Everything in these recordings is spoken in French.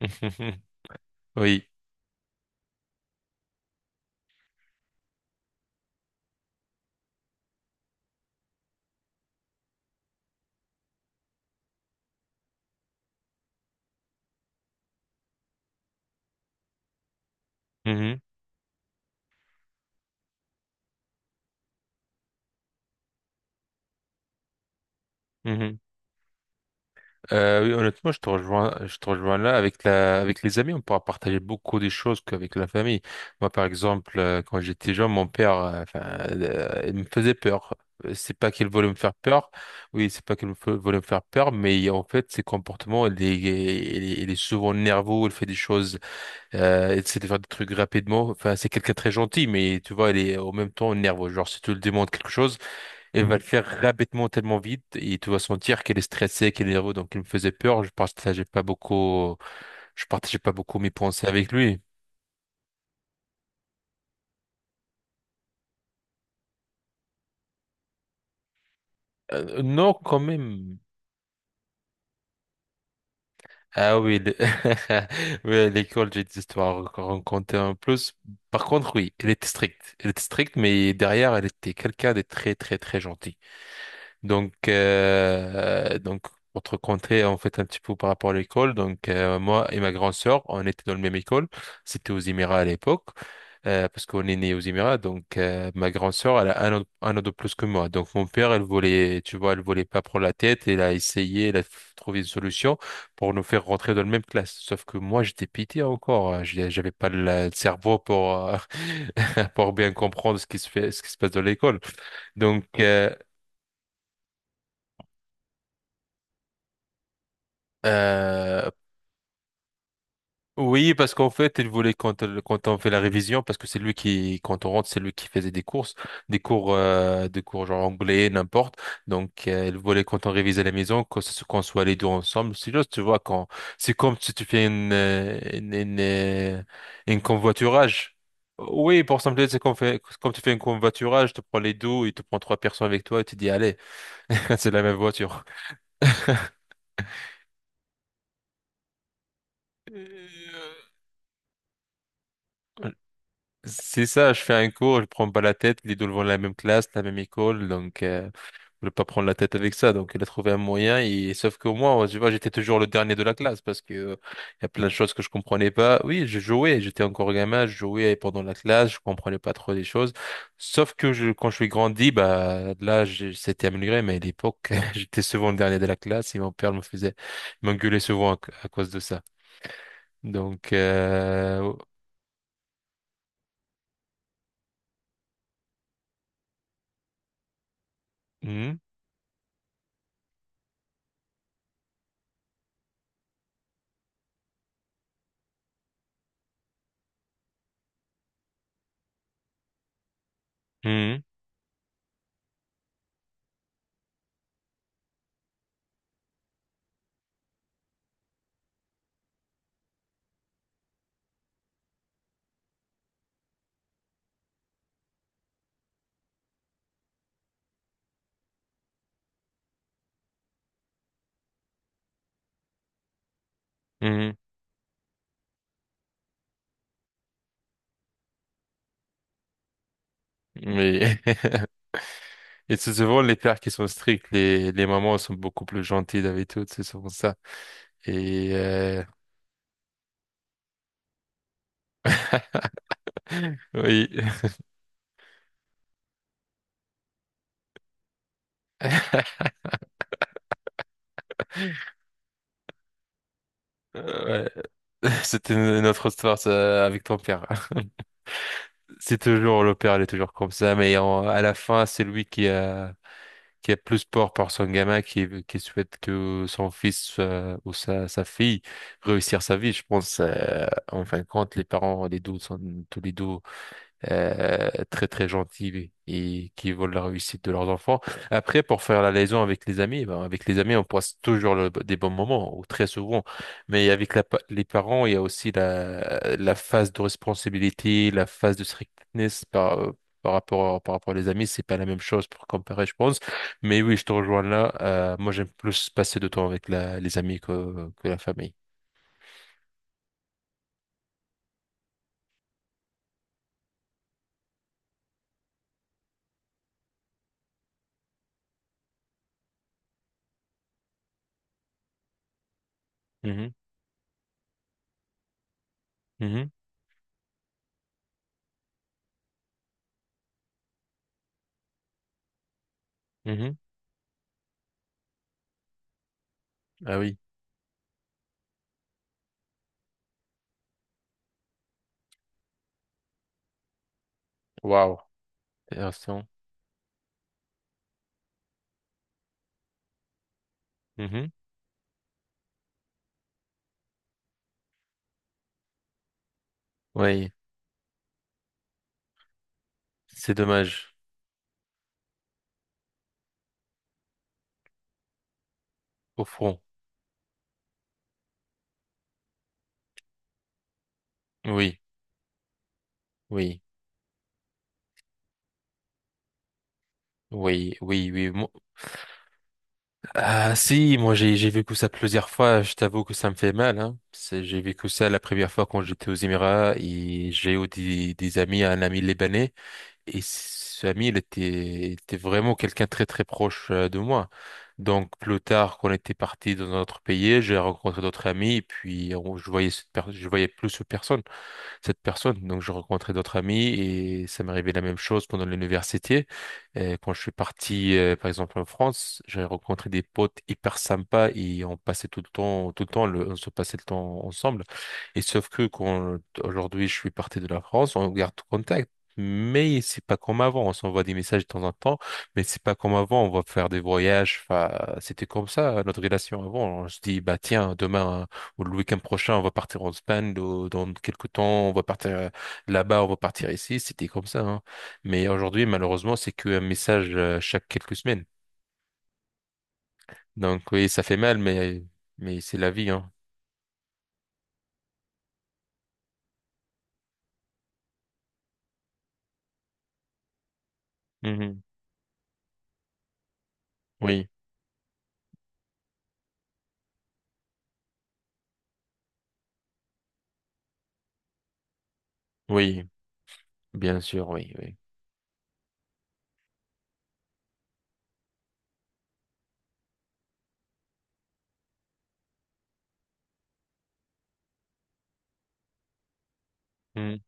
Oui. Mhm. Mhm. Oui, honnêtement, je te rejoins là. Avec les amis, on pourra partager beaucoup des choses qu'avec la famille. Moi, par exemple, quand j'étais jeune, mon père, enfin, il me faisait peur. C'est pas qu'il voulait me faire peur. Oui, c'est pas qu'il voulait me faire peur, mais en fait, ses comportements, il est souvent nerveux, il fait des choses, il essaie de faire des trucs rapidement. Enfin, c'est quelqu'un de très gentil, mais tu vois, il est en même temps nerveux. Genre, si tu lui demandes quelque chose, elle va le faire rapidement, tellement vite, et tu vas sentir qu'elle est stressée, qu'elle est nerveuse, donc elle me faisait peur. Je partageais pas beaucoup mes pensées avec lui. Non, quand même. Ah oui, oui, à l'école, j'ai des histoires à raconter en plus. Par contre, oui, elle était stricte, mais derrière, elle était quelqu'un de très, très, très gentil. Donc, pour te raconter en fait un petit peu par rapport à l'école, donc moi et ma grande sœur, on était dans le même école, c'était aux Émirats à l'époque, parce qu'on est né aux Émirats, donc ma grande sœur, elle a un an de plus que moi, donc mon père, elle voulait, tu vois, elle voulait pas prendre la tête, elle a essayé, elle a trouvé une solution pour nous faire rentrer dans la même classe, sauf que moi j'étais pitié encore, hein, j'avais pas le cerveau pour pour bien comprendre ce qui se fait, ce qui se passe dans l'école, donc euh, Oui, parce qu'en fait, il voulait quand on fait la révision, parce que c'est lui qui, quand on rentre, c'est lui qui faisait des courses, des cours, genre anglais, n'importe. Donc, il voulait quand on révisait à la maison, qu'on soit les deux ensemble. C'est juste, tu vois, c'est comme si tu fais une convoiturage. Oui, pour simplifier, c'est comme, fait, comme tu fais un convoiturage, tu prends les deux, il te prend trois personnes avec toi et tu dis, allez, c'est la même voiture. Euh, C'est ça, je fais un cours, je prends pas la tête, les deux vont de la même classe, la même école, donc je ne pas prendre la tête avec ça. Donc il a trouvé un moyen, et sauf que moi, tu vois, j'étais toujours le dernier de la classe parce que il y a plein de choses que je comprenais pas. Oui, je jouais, j'étais encore gamin, je jouais pendant la classe, je comprenais pas trop les choses. Sauf que quand je suis grandi, bah là, c'était amélioré, mais à l'époque, j'étais souvent le dernier de la classe et mon père me faisait m'engueuler souvent à, cause de ça. Donc euh... mhm, mhm, mhm. Oui. Et c'est souvent les pères qui sont stricts, les mamans sont beaucoup plus gentilles d'habitude, c'est souvent ça. Et oui, ouais. C'était une autre histoire ça, avec ton père. C'est toujours le père, il est toujours comme ça, mais à la fin, c'est lui qui a plus peur par son gamin, qui souhaite que son fils ou sa fille réussir sa vie. Je pense, en fin de compte, les parents, les deux sont tous les deux, très très gentils et qui veulent la réussite de leurs enfants. Après, pour faire la liaison avec les amis, ben, avec les amis, on passe toujours des bons moments, ou très souvent. Mais avec les parents, il y a aussi la phase de responsabilité, la phase de strictness par rapport à les amis. C'est pas la même chose pour comparer, je pense. Mais oui, je te rejoins là. Moi, j'aime plus passer de temps avec les amis que la famille. Mhm, mhm, mhm. Ah oui. Waouh. Intéressant. Mhm. Oui. C'est dommage. Au front. Oui, oui, oui, oui, oui. Ah si, moi j'ai vécu ça plusieurs fois. Je t'avoue que ça me fait mal. Hein. J'ai vécu ça la première fois quand j'étais aux Émirats et j'ai eu des amis, un ami libanais et ce ami il était vraiment quelqu'un très très proche de moi. Donc plus tard, qu'on était parti dans un autre pays, j'ai rencontré d'autres amis et puis je voyais je voyais plus cette personne. Donc, je rencontrais d'autres amis et ça m'est arrivé la même chose pendant l'université. Quand je suis parti, par exemple, en France, j'ai rencontré des potes hyper sympas et on passait tout le temps, on se passait le temps ensemble. Et sauf que quand aujourd'hui je suis parti de la France, on garde contact. Mais c'est pas comme avant, on s'envoie des messages de temps en temps, mais c'est pas comme avant, on va faire des voyages, enfin, c'était comme ça, notre relation avant, on se dit, bah tiens, demain, ou le week-end prochain, on va partir en Espagne, dans quelques temps, on va partir là-bas, on va partir ici. C'était comme ça, hein. Mais aujourd'hui, malheureusement, c'est qu'un message chaque quelques semaines. Donc oui, ça fait mal, mais c'est la vie, hein. Mhm. Oui, oui, bien sûr, oui, oui. Mhm.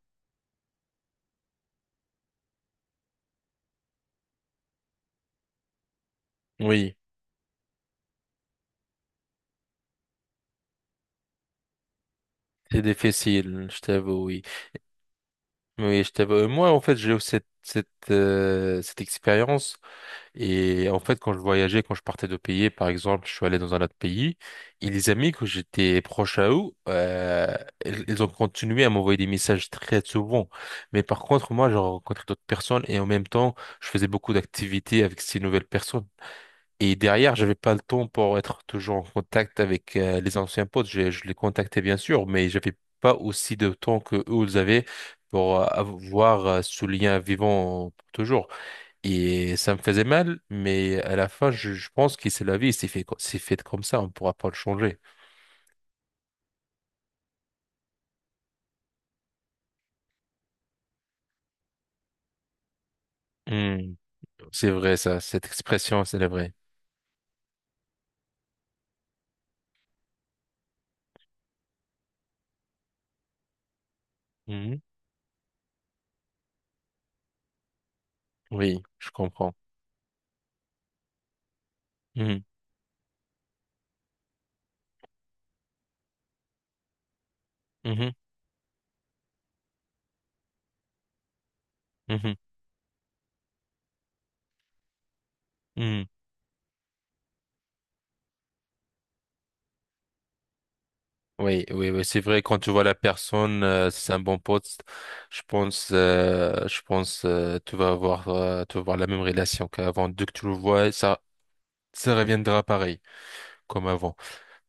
Oui, c'est difficile, je t'avoue, oui. Oui, je t'avoue. Moi, en fait, j'ai eu cette expérience. Et en fait, quand je voyageais, quand je partais de pays, par exemple, je suis allé dans un autre pays, et les amis que j'étais proche à eux, euh, ils ont continué à m'envoyer des messages très souvent. Mais par contre, moi, j'ai rencontré d'autres personnes et en même temps, je faisais beaucoup d'activités avec ces nouvelles personnes. Et derrière, j'avais pas le temps pour être toujours en contact avec les anciens potes. Je les contactais bien sûr, mais j'avais pas aussi de temps que eux ils avaient pour avoir ce lien vivant pour toujours. Et ça me faisait mal, mais à la fin, je pense que c'est la vie, c'est fait, comme ça, on ne pourra pas le changer. Hmm, C'est vrai, ça, cette expression, c'est vrai. Hmm, Oui, je comprends. Hmm, mhm, mhm, hmm. Oui, oui, oui, c'est vrai, quand tu vois la personne, c'est un bon pote, je pense, tu vas avoir la même relation qu'avant. Dès que tu le vois, ça reviendra pareil, comme avant.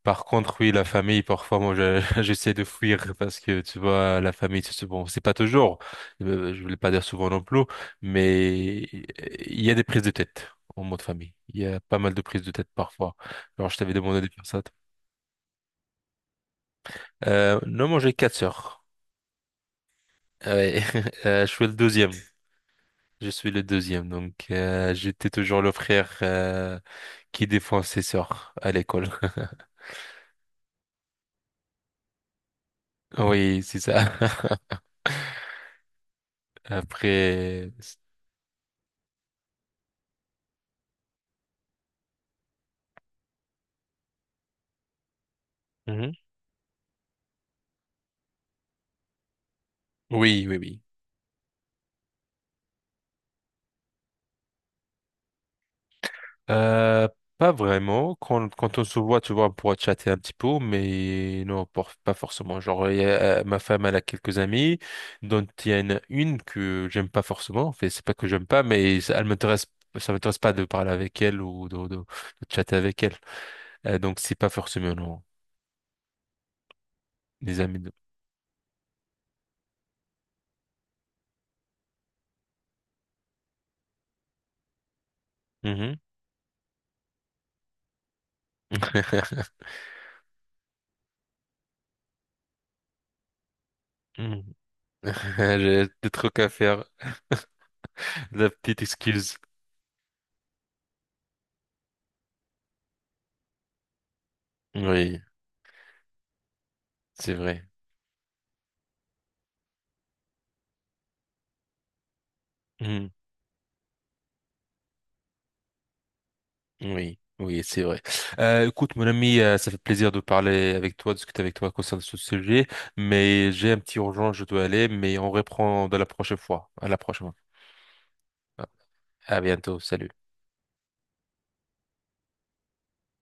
Par contre, oui, la famille, parfois, moi, j'essaie de fuir parce que, tu vois, la famille, c'est bon, c'est pas toujours, je voulais pas dire souvent non plus, mais il y a des prises de tête en mode famille. Il y a pas mal de prises de tête parfois. Alors, je t'avais demandé de faire ça. Non, moi, j'ai quatre sœurs. Ah ouais. Je suis le deuxième. Je suis le deuxième, donc j'étais toujours le frère qui défend ses sœurs à l'école. Oui, c'est ça. Après, Mhm. Oui, oui, oui. Euh, pas vraiment. Quand on se voit, tu vois, on pourra chatter un petit peu, mais non, pas forcément. Genre, ma femme, elle a quelques amis, dont il y en a une que j'aime pas forcément. En fait, c'est pas que j'aime pas, mais elle m'intéresse, ça m'intéresse pas de parler avec elle ou de chatter avec elle. Donc, c'est pas forcément, non, les amis de... Mhm. Mhm. J'ai des trucs à faire. La petite excuse. Oui, c'est vrai. Mhm. Oui, oui, c'est vrai. Écoute, mon ami, ça fait plaisir de parler avec toi, de discuter avec toi concernant ce sujet, mais j'ai un petit urgent, je dois aller, mais on reprend de la prochaine fois. À la prochaine. À bientôt, salut.